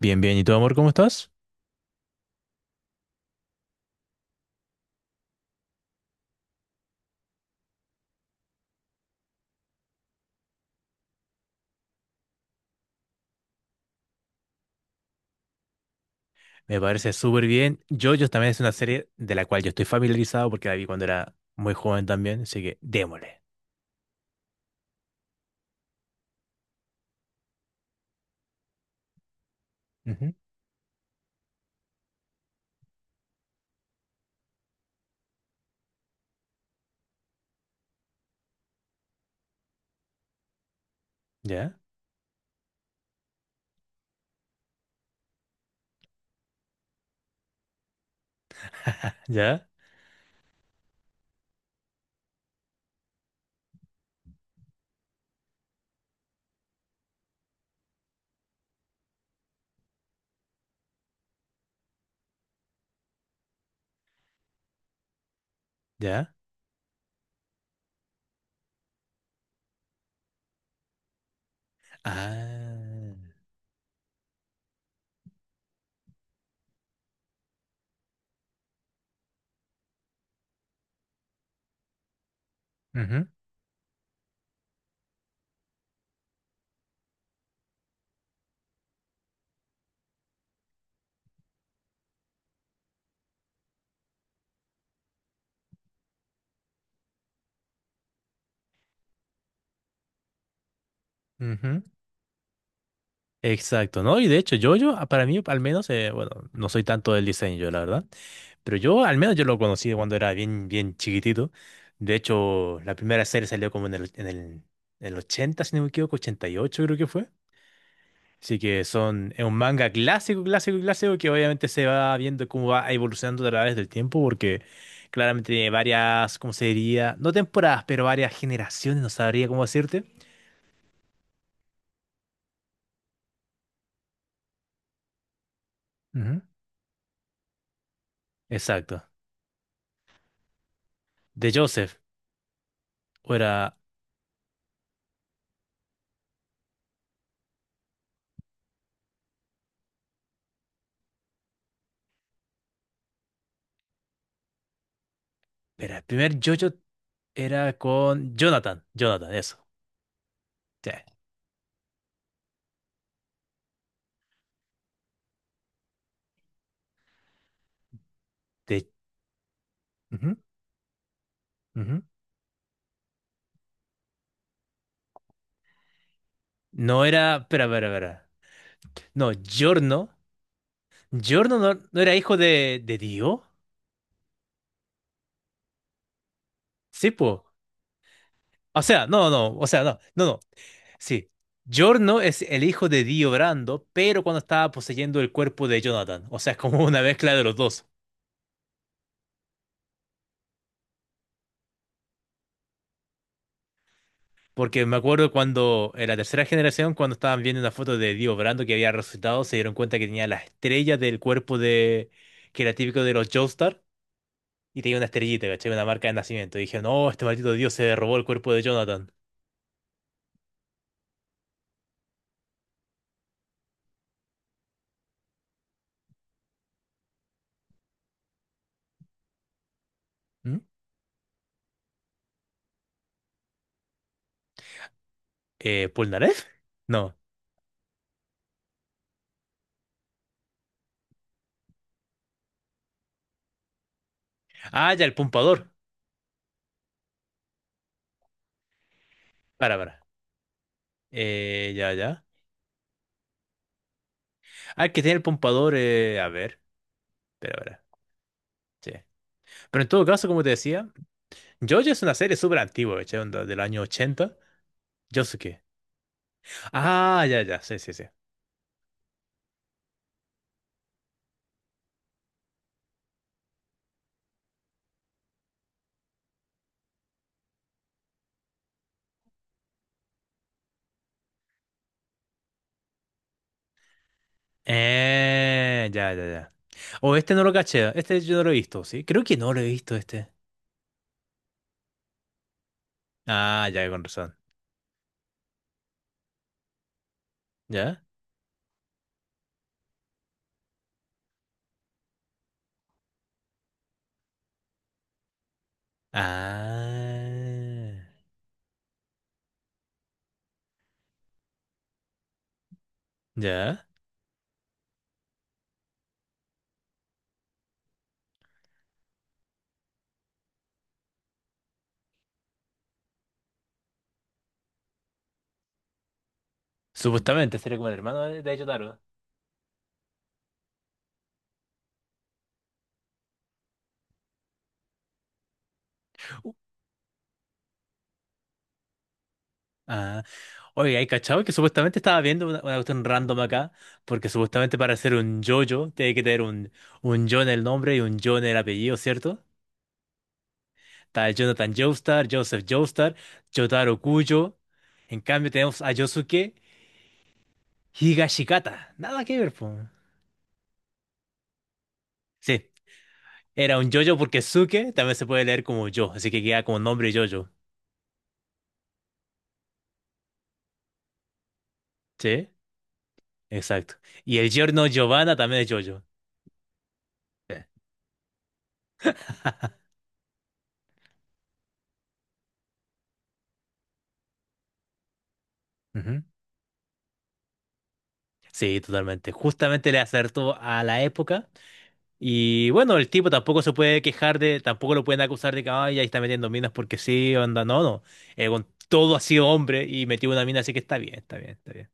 Bien, bien. ¿Y tú, amor, cómo estás? Me parece súper bien. JoJo's también es una serie de la cual yo estoy familiarizado porque la vi cuando era muy joven también, así que démosle. Ujú. ¿Ya? ¿Ya? ¿Ya? Ah. Ujú, ujú. Exacto, ¿no? Y de hecho, JoJo, para mí, al menos, bueno, no soy tanto del diseño, yo, la verdad, pero yo, al menos, yo lo conocí cuando era bien, bien chiquitito. De hecho, la primera serie salió como en el 80, si no me equivoco, 88 creo que fue. Así que es un manga clásico, clásico, clásico que obviamente se va viendo cómo va evolucionando a través del tiempo porque claramente tiene varias, ¿cómo se diría? No temporadas, pero varias generaciones, no sabría cómo decirte. Ujú. Exacto. De Joseph. O era, el primer JoJo era con Jonathan. Jonathan, eso. Sí. De- Ujú, ujú. No era, espera, espera, espera. No, Giorno. Giorno no, no era hijo de Dio. Sí, po. O sea, no, no, o sea, no, no, no. Sí, Giorno es el hijo de Dio Brando, pero cuando estaba poseyendo el cuerpo de Jonathan. O sea, es como una mezcla de los dos. Porque me acuerdo cuando, en la tercera generación, cuando estaban viendo una foto de Dio Brando que había resucitado, se dieron cuenta que tenía la estrella del cuerpo de que era típico de los Joestar, y tenía una estrellita, ¿cachai? Una marca de nacimiento. Y dijeron, no, este maldito Dio se robó el cuerpo de Jonathan. ¿Mm? ¿Polnareff? No. Ah, ya, el pompador. Para, para. Ya, ya. Ah, el que tiene el pompador, a ver. Espera, espera. Sí. Pero en todo caso, como te decía, JoJo es una serie súper antigua, ¿cachai? Onda del año 80. Yosuke. Ah, ya, ya, sí, sí, sí. Ya, ya, ya. O este no lo caché, este yo no lo he visto, ¿sí? Creo que no lo he visto este. Ah, ya, con razón. ¿Ya? Ah, ya. Supuestamente sería como el hermano de Yotaro. Uh, Ah, oye, ¿hay cachado que supuestamente estaba viendo una cuestión random acá? Porque supuestamente para ser un JoJo tiene que tener un yo en el nombre y un yo en el apellido, ¿cierto? Está Jonathan Joestar, Joseph Joestar, Jotaro Kujo. En cambio tenemos a Yosuke Higashikata. Nada que ver, po. Sí, era un Jojo porque Suke también se puede leer como yo, así que queda como nombre Jojo. Sí, exacto. Y el giorno Giovanna también es Jojo. Sí. Ujú. Sí, totalmente. Justamente le acertó a la época. Y bueno, el tipo tampoco se puede quejar de, tampoco lo pueden acusar de que, ay, ahí está metiendo minas porque sí, onda, no, no. Con todo ha sido hombre y metió una mina, así que está bien, está bien, está bien.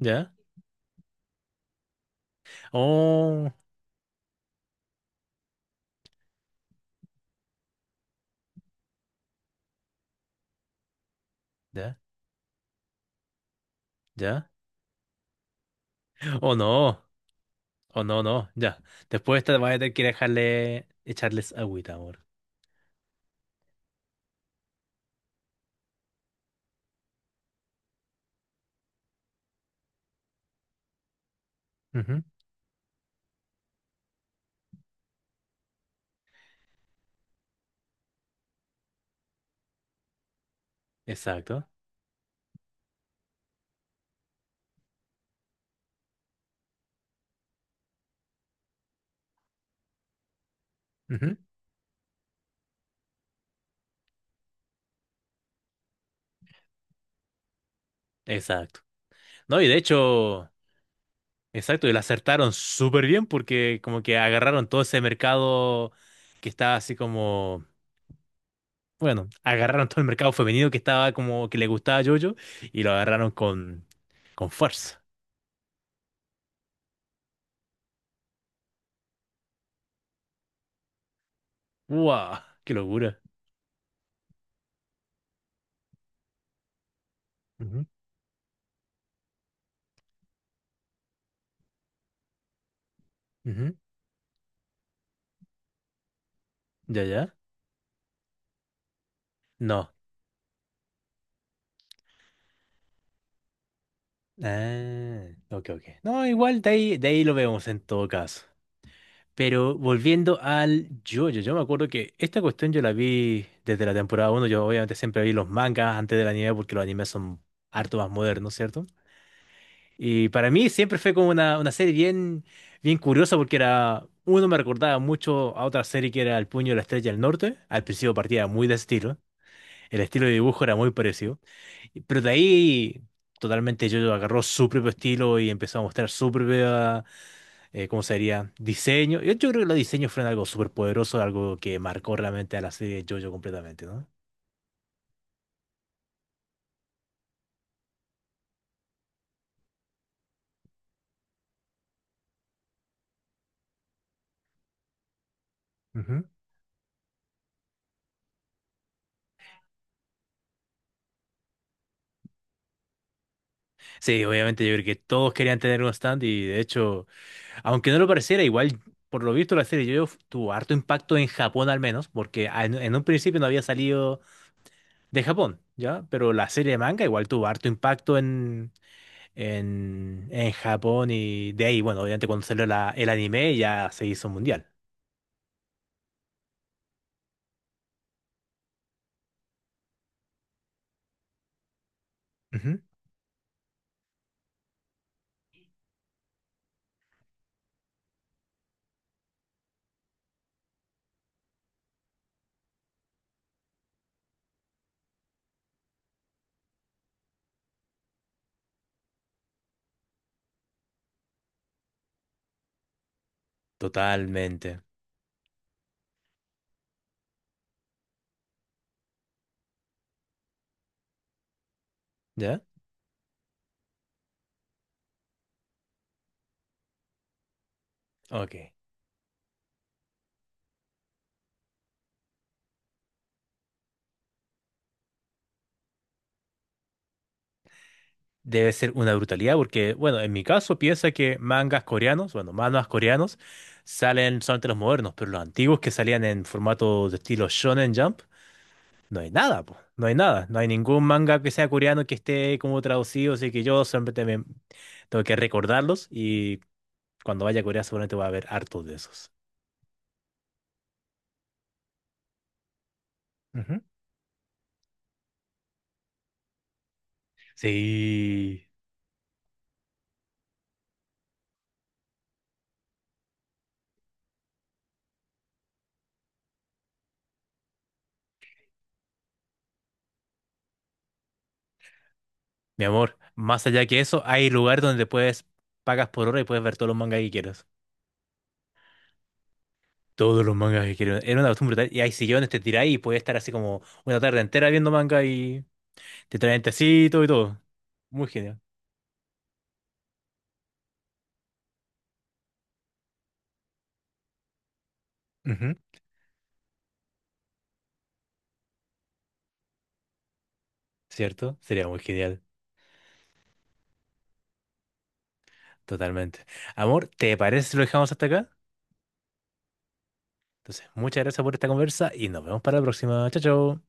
¿Ya? Oh, ya, ya. Oh, no, oh, no, no, ya. Después te vas a tener que dejarle, echarles agüita, amor. Ujú. Exacto. Ujú. Exacto. No, y de hecho, exacto, y la acertaron súper bien porque como que agarraron todo ese mercado que está así como bueno, agarraron todo el mercado femenino que estaba como que le gustaba a JoJo y lo agarraron con fuerza. ¡Wow! ¡Qué locura! Ujú, ujú. ¿Ya, ya? No. Ah, ok, ok. No, igual de ahí, lo vemos en todo caso. Pero volviendo al JoJo, yo me acuerdo que esta cuestión yo la vi desde la temporada uno. Yo obviamente siempre vi los mangas antes del anime porque los animes son harto más modernos, ¿cierto? Y para mí siempre fue como una serie bien, bien curiosa porque era, uno me recordaba mucho a otra serie que era El Puño de la Estrella del Norte. Al principio partía muy de ese estilo, el estilo de dibujo era muy parecido, pero de ahí totalmente yo agarró su propio estilo y empezó a mostrar su propia, ¿cómo sería? Diseño. Yo creo que los diseños fueron algo súper poderoso, algo que marcó realmente a la serie de JoJo completamente, ¿no? Ujú. Sí, obviamente yo creo que todos querían tener un stand y de hecho, aunque no lo pareciera, igual por lo visto la serie yo tuvo harto impacto en Japón al menos, porque en un principio no había salido de Japón, ¿ya? Pero la serie de manga igual tuvo harto impacto en, en Japón y de ahí, bueno, obviamente cuando salió el anime ya se hizo mundial. Ujú. Totalmente, ¿ya? Ok. Debe ser una brutalidad porque, bueno, en mi caso piensa que mangas coreanos, bueno, mangas coreanos, salen solamente los modernos, pero los antiguos que salían en formato de estilo Shonen Jump. No hay nada, po. No hay nada. No hay ningún manga que sea coreano que esté como traducido, así que yo siempre tengo que recordarlos y cuando vaya a Corea seguramente voy a ver hartos de esos. Ujú. Sí, mi amor, más allá que eso, hay lugar donde puedes, pagas por hora y puedes ver todos los mangas que quieras. Todos los mangas que quieras. Era una costumbre brutal. Y hay sillones, te tiráis y puedes estar así como una tarde entera viendo manga y te traen tecito y todo. Muy genial. Ujú. ¿Cierto? Sería muy genial. Totalmente. Amor, ¿te parece si lo dejamos hasta acá? Entonces, muchas gracias por esta conversa y nos vemos para la próxima. Chao, chao.